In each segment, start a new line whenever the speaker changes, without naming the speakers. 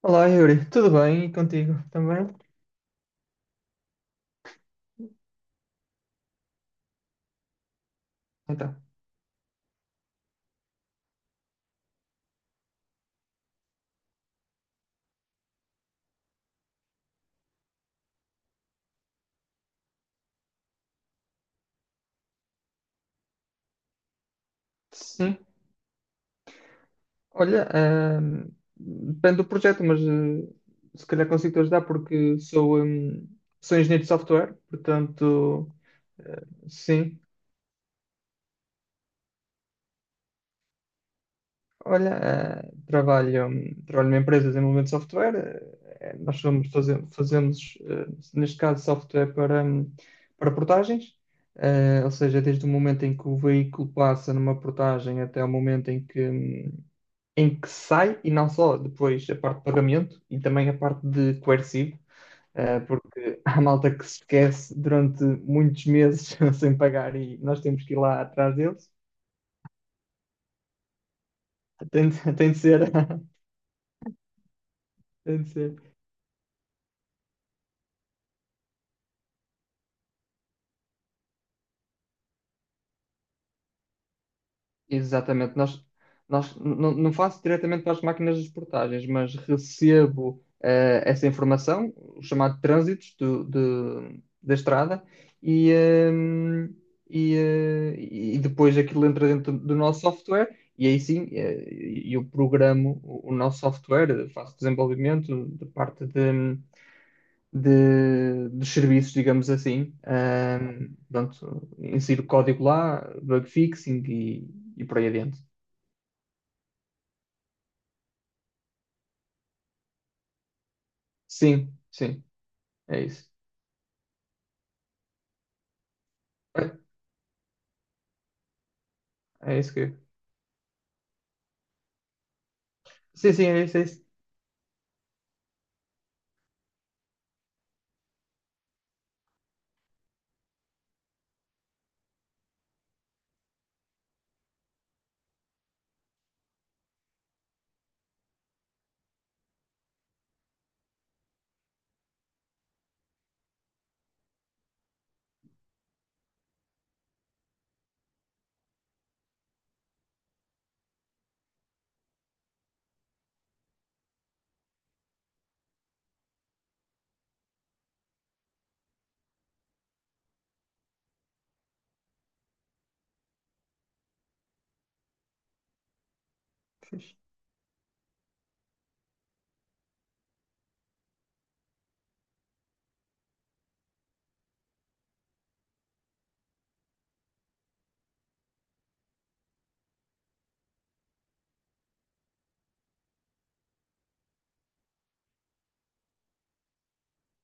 Olá, Yuri, tudo bem? E contigo também? Então, sim. Olha, depende do projeto, mas se calhar consigo-te ajudar porque sou, sou engenheiro de software, portanto, sim. Olha, trabalho, trabalho numa empresa de desenvolvimento de software. Nós somos, fazemos, neste caso, software para, para portagens. Ou seja, desde o momento em que o veículo passa numa portagem até o momento em que sai, e não só depois a parte de pagamento e também a parte de coercivo, porque há malta que se esquece durante muitos meses sem pagar e nós temos que ir lá atrás deles. Tem, tem de ser, tem de ser. Exatamente. Nós não, não faço diretamente para as máquinas de portagens, mas recebo essa informação, o chamado trânsitos da estrada, e, eh, e depois aquilo entra dentro do nosso software, e aí sim, eu programo o nosso software, faço desenvolvimento de parte de, dos serviços, digamos assim. Pronto, insiro o código lá, bug fixing e por aí adiante. Sim, sim, é isso. É, é isso que. Sim, sim, é isso, é isso.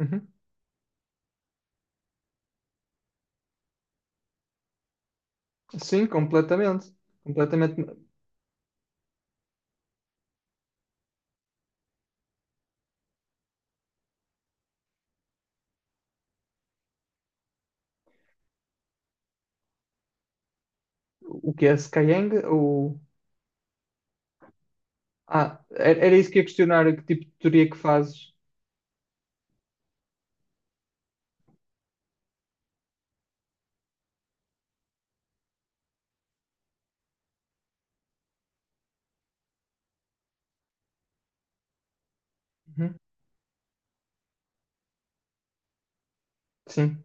Uhum. Sim, completamente. Completamente. O que é Skyeng? O... Ah, era, era isso que ia questionar, que tipo de teoria que fazes? Uhum. Sim,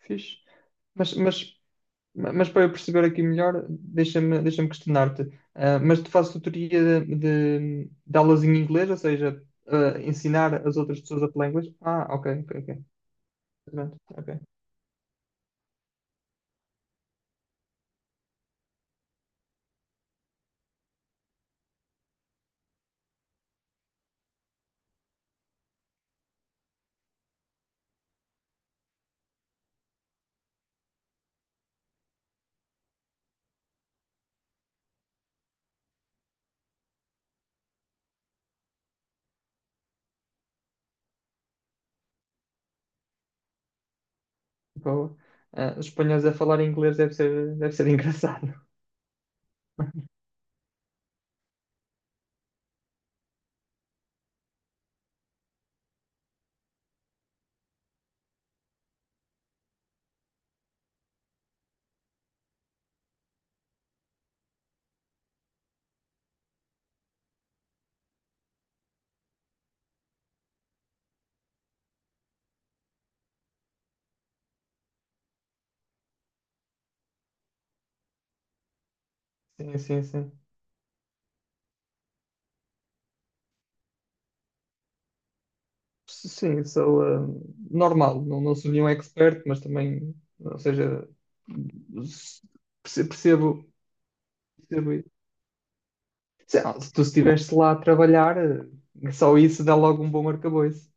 fixe. Mas, mas Mas para eu perceber aqui melhor, deixa-me questionar-te. Ah, mas tu fazes tutoria de aulas em inglês, ou seja, ah, ensinar as outras pessoas a falar inglês? Ah, ok, ok, ok. Pronto, ok. Boa. Ah, os espanhóis a falar inglês deve ser engraçado. Sim, sim, sim. Sim, sou normal, não, não sou nenhum expert, mas também, ou seja, perce- percebo, percebo. Se tu estiveste lá a trabalhar, só isso dá logo um bom arcabouço.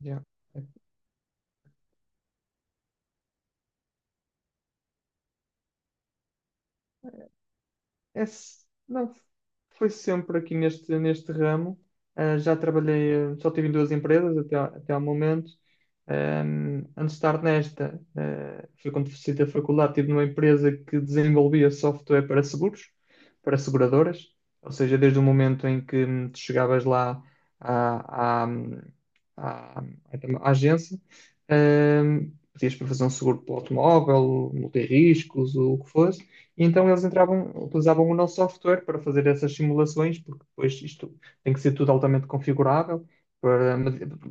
Yeah. É, não, foi sempre aqui neste, neste ramo. Ah, já trabalhei, ah, só tive em duas empresas até, até ao momento. Antes de estar nesta, ah, foi quando fiz da faculdade, estive numa empresa que desenvolvia software para seguros, para seguradoras. Ou seja, desde o momento em que, tu chegavas lá à, à, à- à agência, pedias para fazer um seguro para o automóvel, multirriscos, ou o que fosse. E então eles entravam, utilizavam o nosso software para fazer essas simulações, porque depois isto tem que ser tudo altamente configurável, para,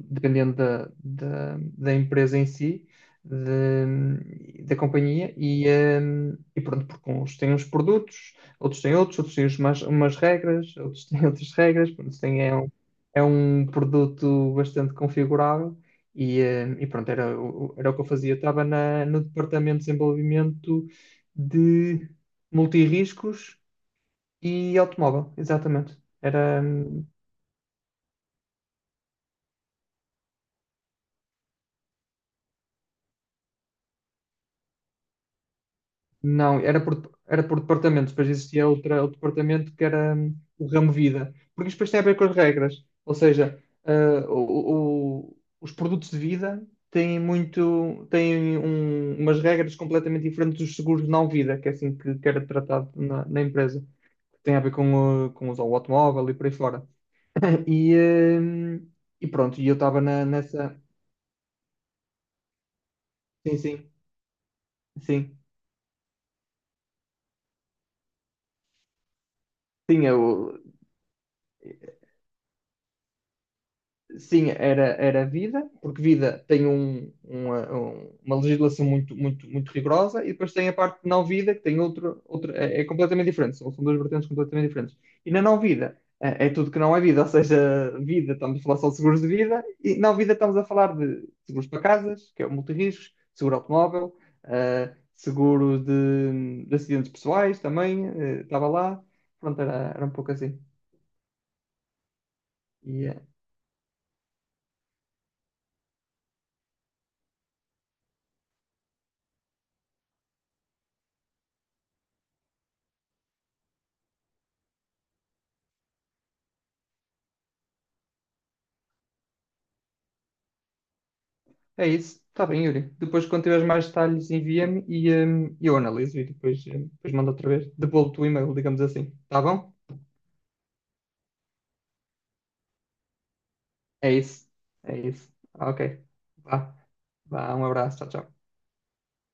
dependendo da empresa em si, da companhia, e pronto, porque uns têm uns produtos, outros têm outros, outros têm umas, umas regras, outros têm outras regras, pronto, isto tem, é um produto bastante configurável. E pronto, era, era o que eu fazia. Eu estava na, no departamento de desenvolvimento de multirriscos e automóvel, exatamente. Era, não, era por, era por departamentos, depois existia outra, outro departamento que era, o ramo vida, porque isto depois tem a ver com as regras, ou seja, ah, os produtos de vida têm muito, têm umas regras completamente diferentes dos seguros de não vida, que é assim que era tratado na, na empresa. Tem a ver com, com o automóvel e por aí fora. E, hum, e pronto, e eu estava nessa. Sim, sim, sim. Sim, eu sim, era, era vida, porque vida tem um, uma, uma legislação muito, muito, muito rigorosa, e depois tem a parte de não vida, que tem outro, outro é, é completamente diferente, são, são duas vertentes completamente diferentes. E na não vida é, é tudo que não é vida, ou seja, vida, estamos a falar só de seguros de vida, e não vida estamos a falar de seguros para casas, que é o multirriscos, seguro automóvel, seguro de acidentes pessoais também, estava lá, pronto, era, era um pouco assim. E, eh, É isso. Está bem, Yuri. Depois, quando tiveres mais detalhes, envia-me e, eu analiso e depois, depois mando outra vez. Devolvo-te o e-mail, digamos assim. Está bom? É isso. É isso. Ok. Vá. Vá. Um abraço. Tchau, tchau.